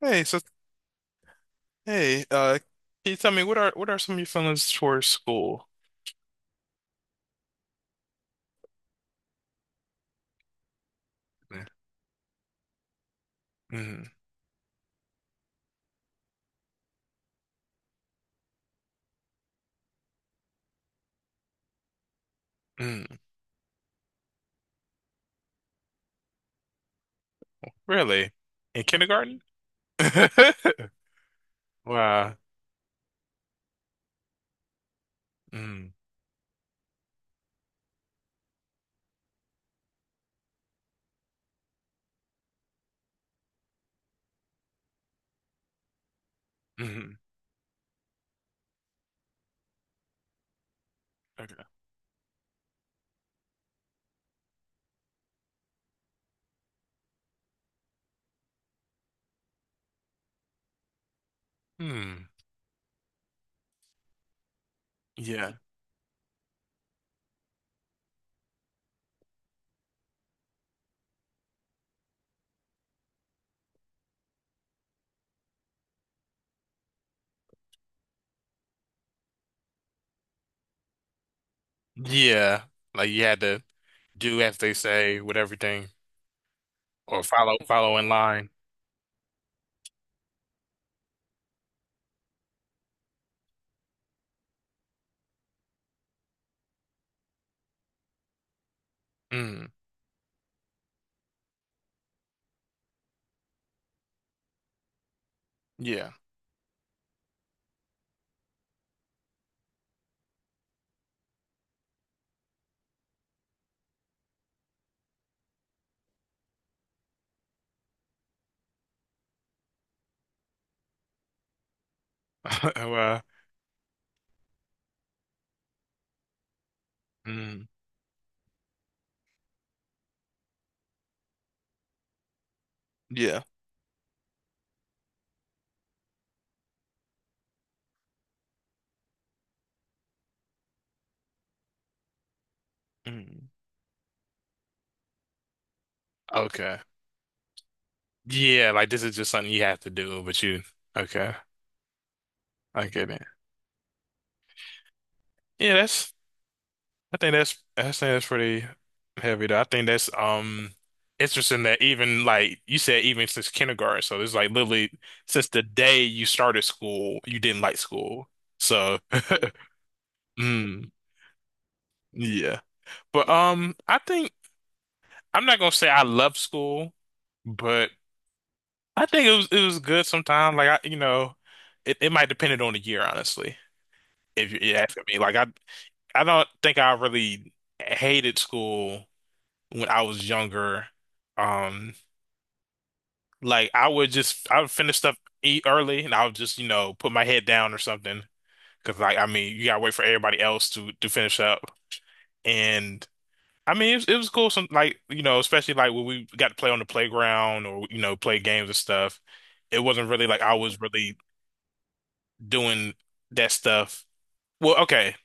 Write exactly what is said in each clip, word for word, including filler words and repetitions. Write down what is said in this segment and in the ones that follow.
Hey, so hey, uh, can you tell me what are what are some of your feelings towards school? Mm, mm, really? In kindergarten? Wow. Mm, mm, okay. Mm, yeah. Yeah. Like you had to do as they say with everything or follow follow in line. Mm, yeah. Well, mm, yeah. Mm, okay. Yeah, like this is just something you have to do, but you okay. I get it. Yeah, that's I think that's I think that's pretty heavy though. I think that's um interesting that even like you said, even since kindergarten, so it's like literally since the day you started school, you didn't like school. So mm, yeah. But um I think I'm not gonna say I love school, but I think it was it was good sometimes. Like I you know, it, it might depend on the year, honestly, if you- you're asking me. Like I I don't think I really hated school when I was younger. Um, like I would just I would finish stuff, eat early, and I would just you know put my head down or something. Because like I mean, you gotta wait for everybody else to to finish up. And I mean, it was, it was cool. Some like you know, especially like when we got to play on the playground or you know play games and stuff. It wasn't really like I was really doing that stuff. Well, okay.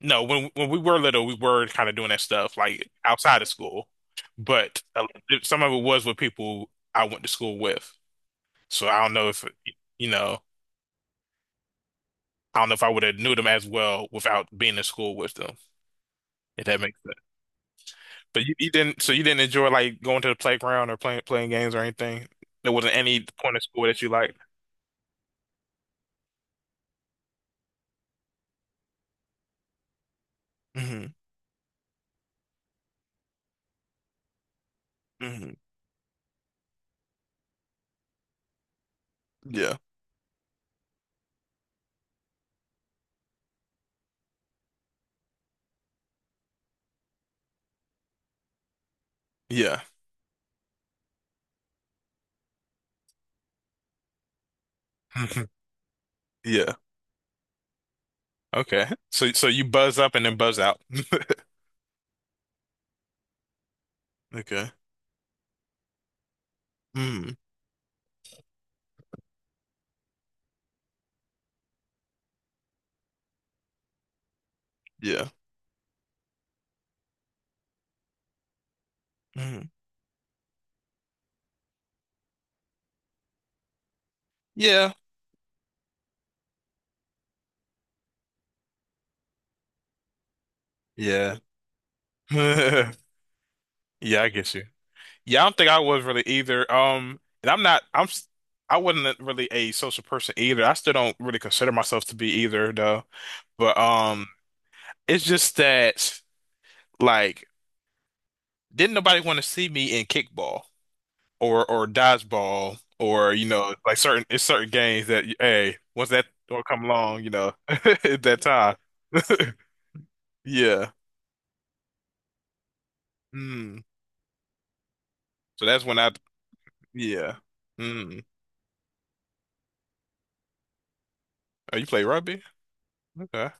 No, when when we were little, we were kind of doing that stuff like outside of school, but uh, some of it was with people I went to school with. So I don't know if you know, I don't know if I would have knew them as well without being in school with them, if that makes sense. But you, you didn't, so you didn't enjoy like going to the playground or playing playing games or anything. There wasn't any point of school that you liked. Hmm. Hmm. Yeah. Yeah. Yeah. Okay. So so you buzz up and then buzz out. Okay. Mm. Yeah. Mhm. Yeah, yeah, yeah. I get you. Yeah, I don't think I was really either. Um, and I'm not. I'm. s- I wasn't really a social person either. I still don't really consider myself to be either, though. But um, it's just that like, didn't nobody want to see me in kickball or or dodgeball or you know like certain it's certain games that hey once that don't come along you know at that time. Yeah. Mm. So that's when I. Yeah. Mm. Oh, you play rugby? Okay.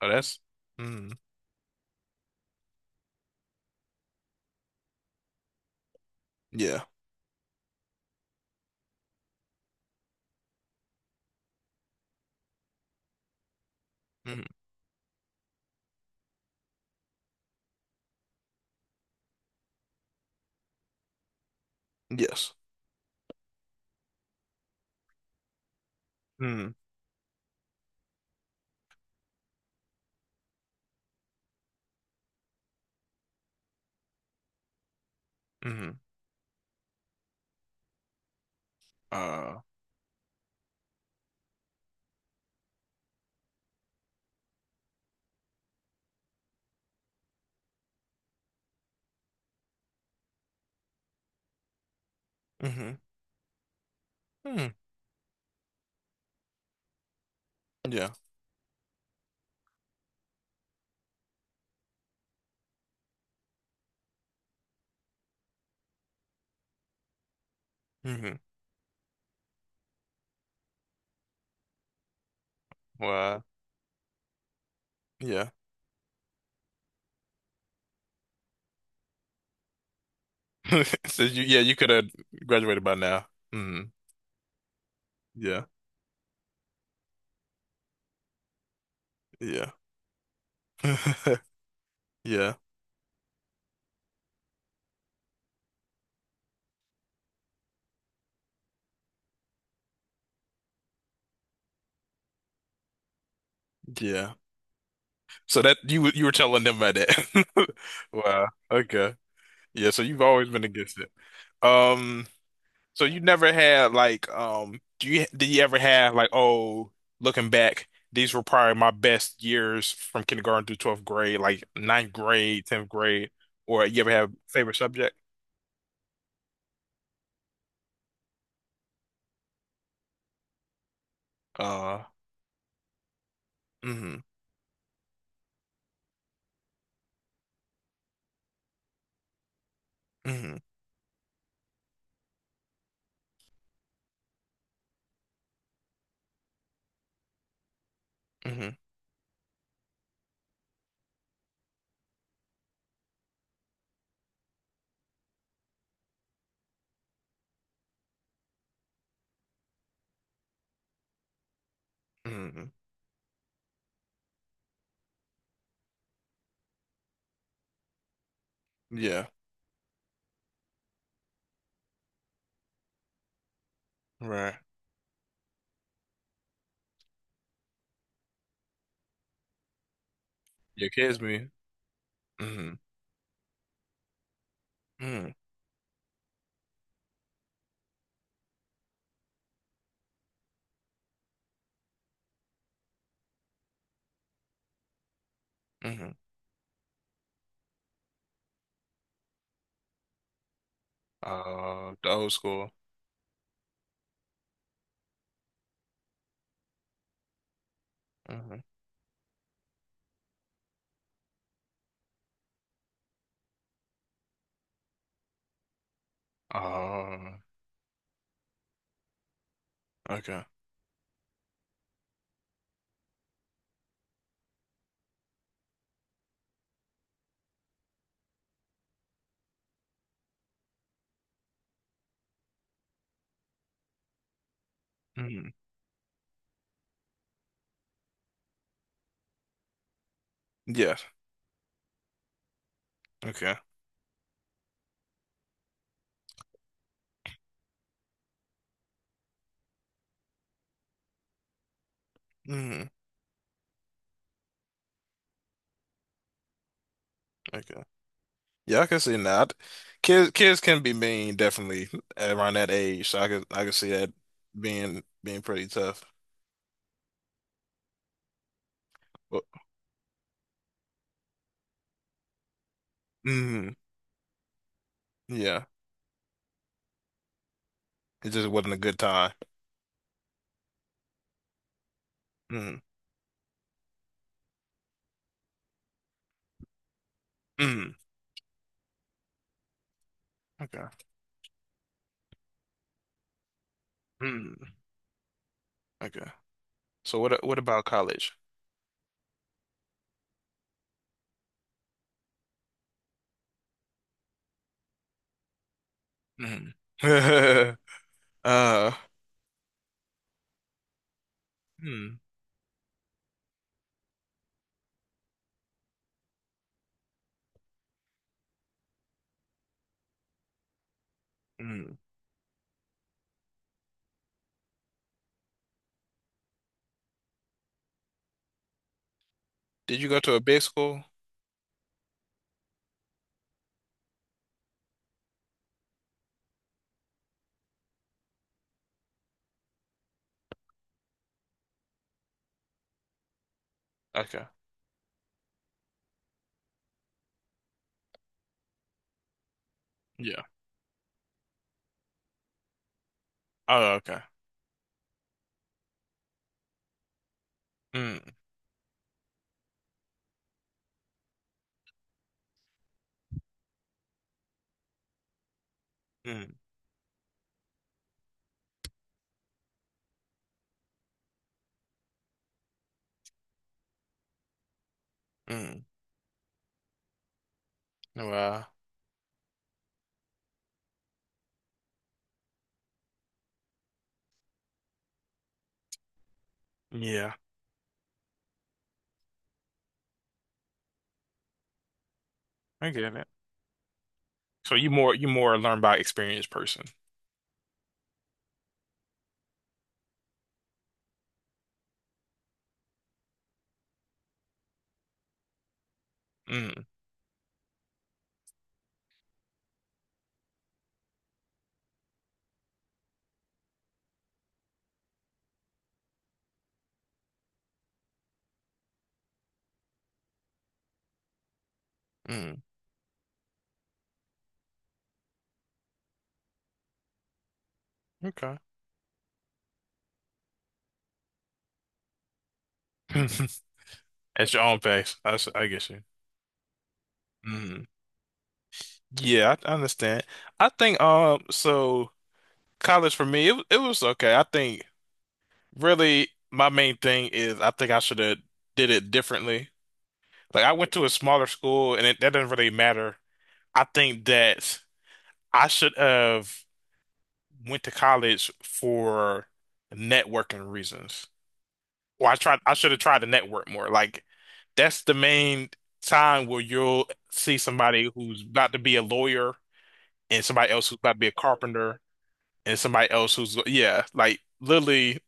Oh, that's. Mm. Yeah. Mm. Yes. Mm. Mm. Uh. Mm. Mm. Yeah. Mm. Well. uh, Yeah. So you. Yeah. You could have graduated by now. Mm. Yeah. Yeah. Yeah. Yeah. So that you were- you were telling them about that. Wow. Okay. Yeah. So you've always been against it. Um. So you never had like um do you did you ever have like, oh, looking back these were probably my best years from kindergarten through twelfth grade, like ninth grade, tenth grade, or you ever have favorite subject? Uh, mm-hmm, mm-hmm, mm-hmm, mm-hmm, yeah, right, your kids me, mm-hmm, mm-hmm, mm-hmm, uh, the old school, mm-hmm, uh, okay, mm-hmm, yes, okay, mm-hmm, okay. Yeah, I can see that. Kids, kids can be mean definitely around that age. So I could, I could see that being being pretty tough. But mm, yeah, it just wasn't a good time. Mm, mm, okay, mm, okay. So what, what about college? Mm. Uh, hmm, mm. Did you go to a big school? Okay, yeah. Oh, okay. Mm, mm, mm. Well, yeah, I get it. So you more, you more learn by experience person. Mm, mm. Okay. At your own pace. I, s- I get you. Mhm. Yeah, I, I understand. I think um so college for me it, w- it was okay. I think really my main thing is I think I should have did it differently. Like I went to a smaller school and it, that doesn't really matter. I think that I should have went to college for networking reasons. Or I tried, I should have tried to network more. Like that's the main time where you'll see somebody who's about to be a lawyer and somebody else who's about to be a carpenter and somebody else who's yeah, like literally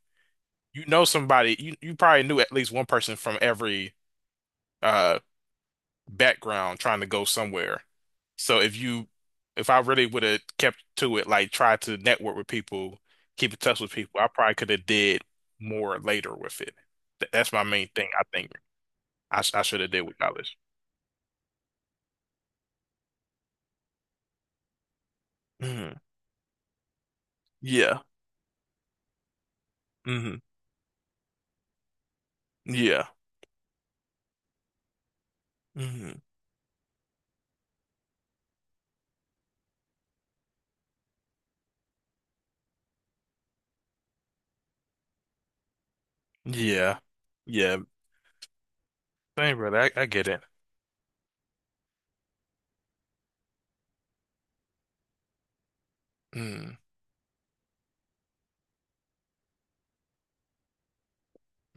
you know somebody you you probably knew at least one person from every uh background trying to go somewhere. So if you if I really would have kept to it, like tried to network with people, keep in touch with people, I probably could have did more later with it. Th- That's my main thing, I think. I, sh- I should have did with college. Hmm. Yeah. Hmm. Yeah. Hmm. Yeah. Yeah. Thank brother. I, I get it. Mm.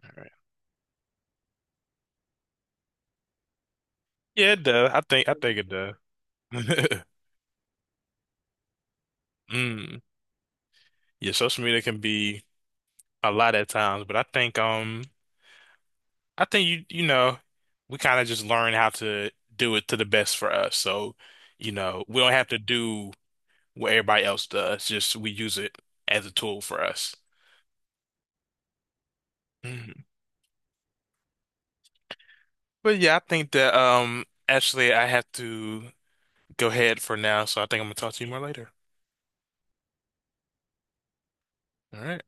All right. Yeah, it does. I think I think it does. Mm. Yeah, social media can be a lot at times, but I think um I think you you know, we kind of just learn how to do it to the best for us. So, you know, we don't have to do what everybody else does, just we use it as a tool for us. But yeah, I think that um actually I have to go ahead for now, so I think I'm gonna talk to you more later. All right.